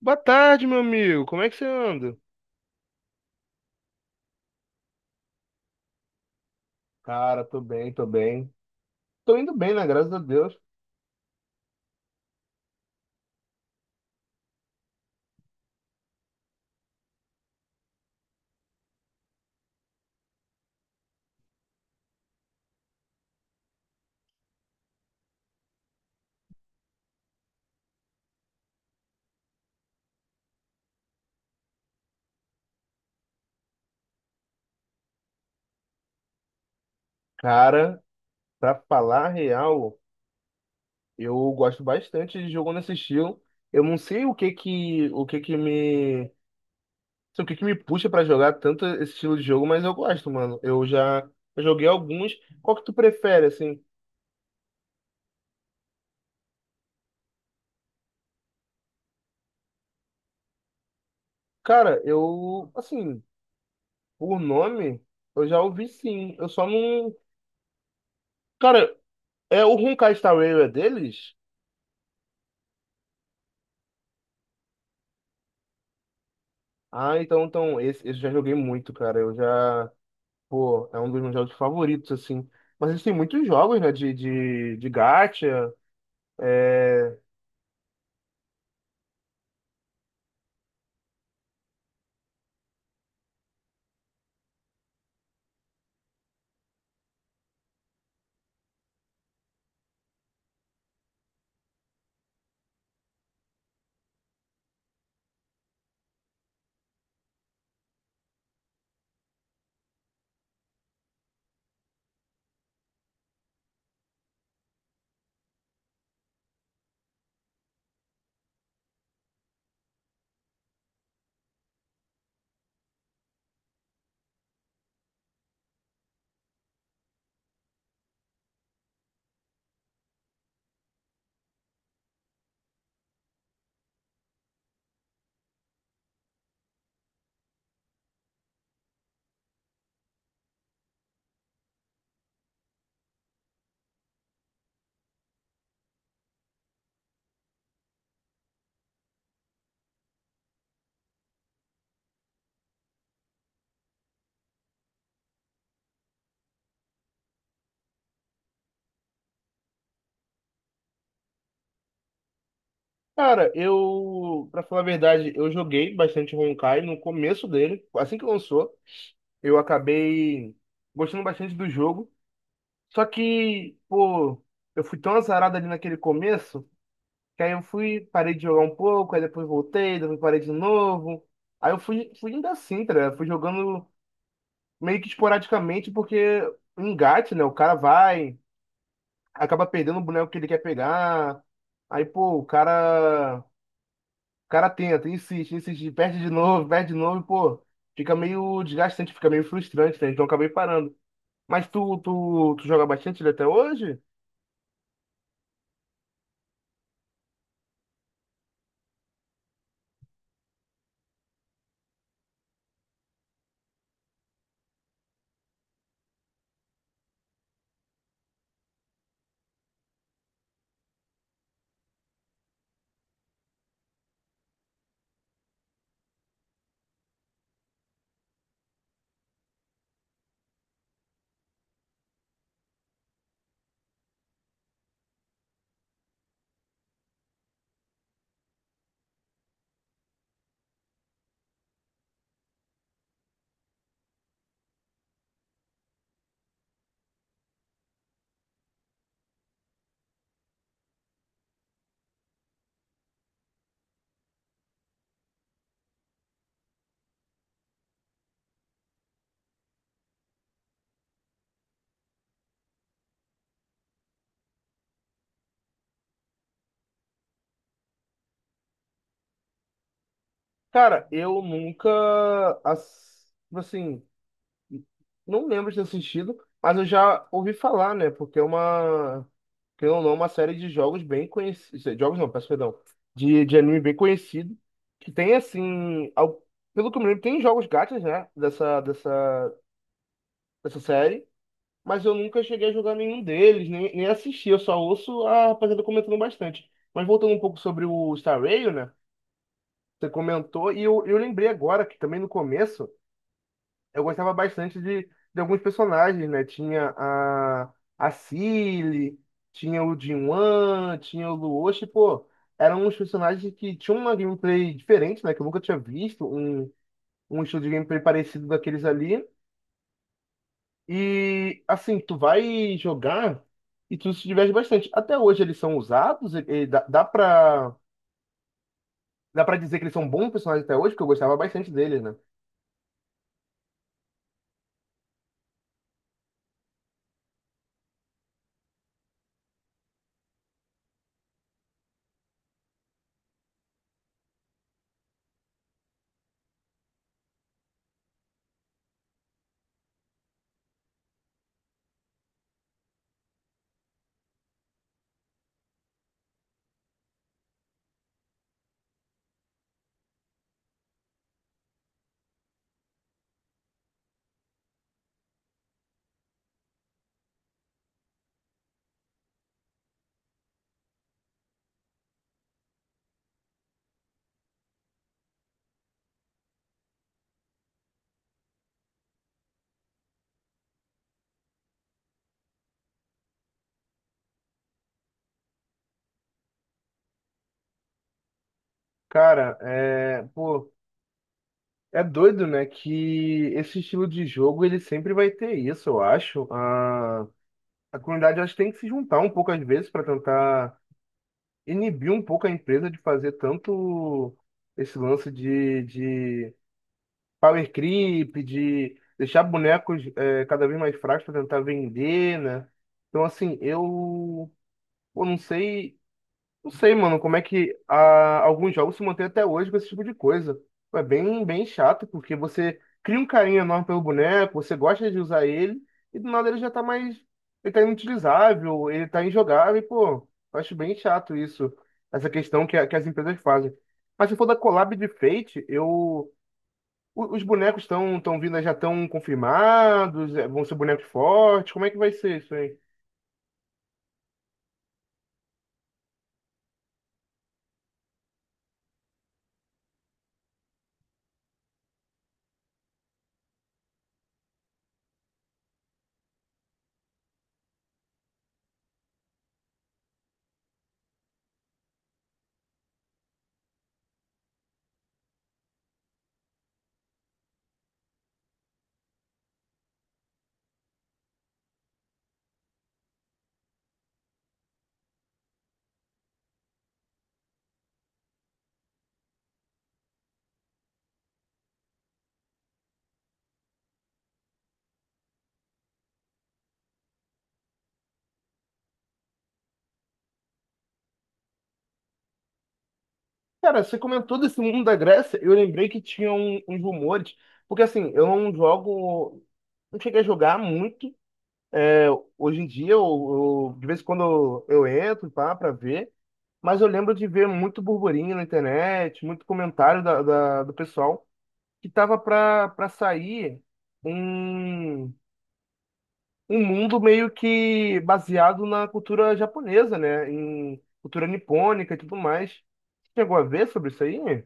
Boa tarde, meu amigo. Como é que você anda? Cara, tô bem, tô bem. Tô indo bem, né? Graças a Deus. Cara, pra falar a real, eu gosto bastante de jogo nesse estilo. Eu não sei o que que me, não sei o que que me puxa pra jogar tanto esse estilo de jogo, mas eu gosto, mano. Eu joguei alguns. Qual que tu prefere, assim? Cara, eu, assim, por nome, eu já ouvi sim. Eu só não, cara, é o Honkai Star Rail é deles? Ah, então, esse eu já joguei muito, cara. Pô, é um dos meus jogos favoritos, assim. Mas existem muitos jogos, né, de gacha. É... Cara, eu, pra falar a verdade, eu joguei bastante Honkai no começo dele. Assim que lançou, eu acabei gostando bastante do jogo. Só que, pô, eu fui tão azarado ali naquele começo, que aí eu parei de jogar um pouco, aí depois voltei, depois parei de novo. Aí eu fui indo assim, tá ligado? Fui jogando, meio que esporadicamente, porque engate, né? O cara vai, acaba perdendo o boneco que ele quer pegar. Aí, pô, o cara tenta, insiste, insiste, perde de novo, e, pô, fica meio desgastante, fica meio frustrante, né? Então eu acabei parando. Mas tu joga bastante ele até hoje? Cara, eu nunca, assim, não lembro de ter assistido, mas eu já ouvi falar, né? Porque é uma, querendo ou não, uma série de jogos bem conhecidos. Jogos não, peço perdão. De anime bem conhecido. Que tem, assim. Pelo que eu me lembro, tem jogos gachas, né? Dessa série. Mas eu nunca cheguei a jogar nenhum deles, nem assisti. Eu só ouço a rapaziada comentando bastante. Mas voltando um pouco sobre o Star Rail, né? Você comentou. E eu lembrei agora que também no começo, eu gostava bastante de alguns personagens, né? Tinha a Cilly, tinha o Jinwan, tinha o Luoshi, pô, eram uns personagens que tinham uma gameplay diferente, né? Que eu nunca tinha visto, um estilo de gameplay parecido daqueles ali. E, assim, tu vai jogar e tu se diverte bastante. Até hoje eles são usados, e dá pra dizer que eles são bons personagens até hoje, porque eu gostava bastante deles, né? Cara, é, pô. É doido, né? Que esse estilo de jogo ele sempre vai ter isso, eu acho. A comunidade eu acho que tem que se juntar um pouco às vezes para tentar inibir um pouco a empresa de fazer tanto esse lance de power creep, de deixar bonecos cada vez mais fracos para tentar vender, né? Então, assim, eu não sei, mano, como é que alguns jogos se mantêm até hoje com esse tipo de coisa. Pô, é bem, bem chato, porque você cria um carinho enorme pelo boneco, você gosta de usar ele, e do nada ele já tá mais. Ele tá inutilizável, ele tá injogável, e, pô, eu acho bem chato isso, essa questão que, que as empresas fazem. Mas se for da collab de Fate, os bonecos estão tão vindo, já estão confirmados? É, vão ser bonecos fortes? Como é que vai ser isso aí? Cara, você comentou desse mundo da Grécia, eu lembrei que tinha uns rumores, porque assim, eu não jogo, não cheguei a jogar muito. Hoje em dia, de vez em quando eu entro pra ver, mas eu lembro de ver muito burburinho na internet, muito comentário do pessoal, que tava pra sair um, um mundo meio que baseado na cultura japonesa, né? Em cultura nipônica e tudo mais. Você chegou a ver sobre isso aí?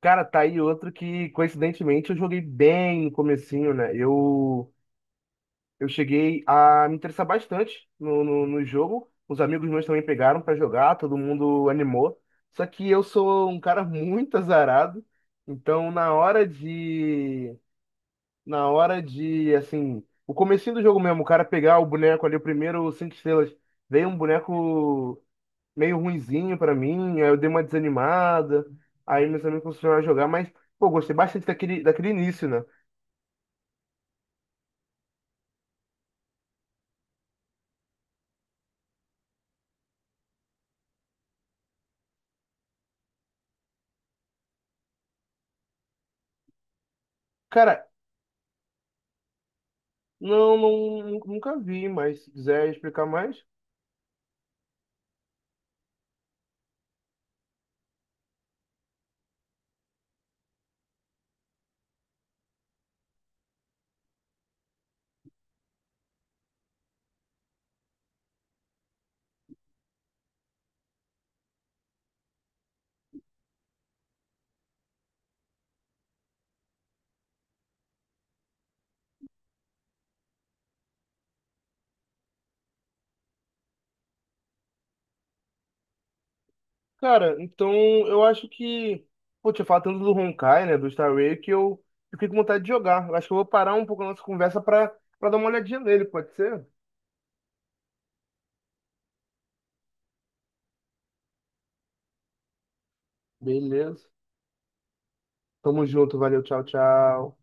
Cara, tá aí outro que, coincidentemente, eu joguei bem no comecinho, né? Eu cheguei a me interessar bastante no jogo. Os amigos meus também pegaram pra jogar, todo mundo animou. Só que eu sou um cara muito azarado. Então, na hora de, assim, o comecinho do jogo mesmo, o cara pegar o boneco ali, o primeiro cinco estrelas. Veio um boneco meio ruinzinho pra mim, aí eu dei uma desanimada, aí meus amigos começaram a jogar, mas, pô, gostei bastante daquele início, né? Cara, não, não, nunca vi, mas se quiser explicar mais. Cara, então eu acho que, pô, tinha falado tanto do Honkai, né, do Star Rail, que eu fiquei com vontade de jogar. Eu acho que eu vou parar um pouco a nossa conversa pra dar uma olhadinha nele, pode ser? Beleza. Tamo junto, valeu, tchau, tchau.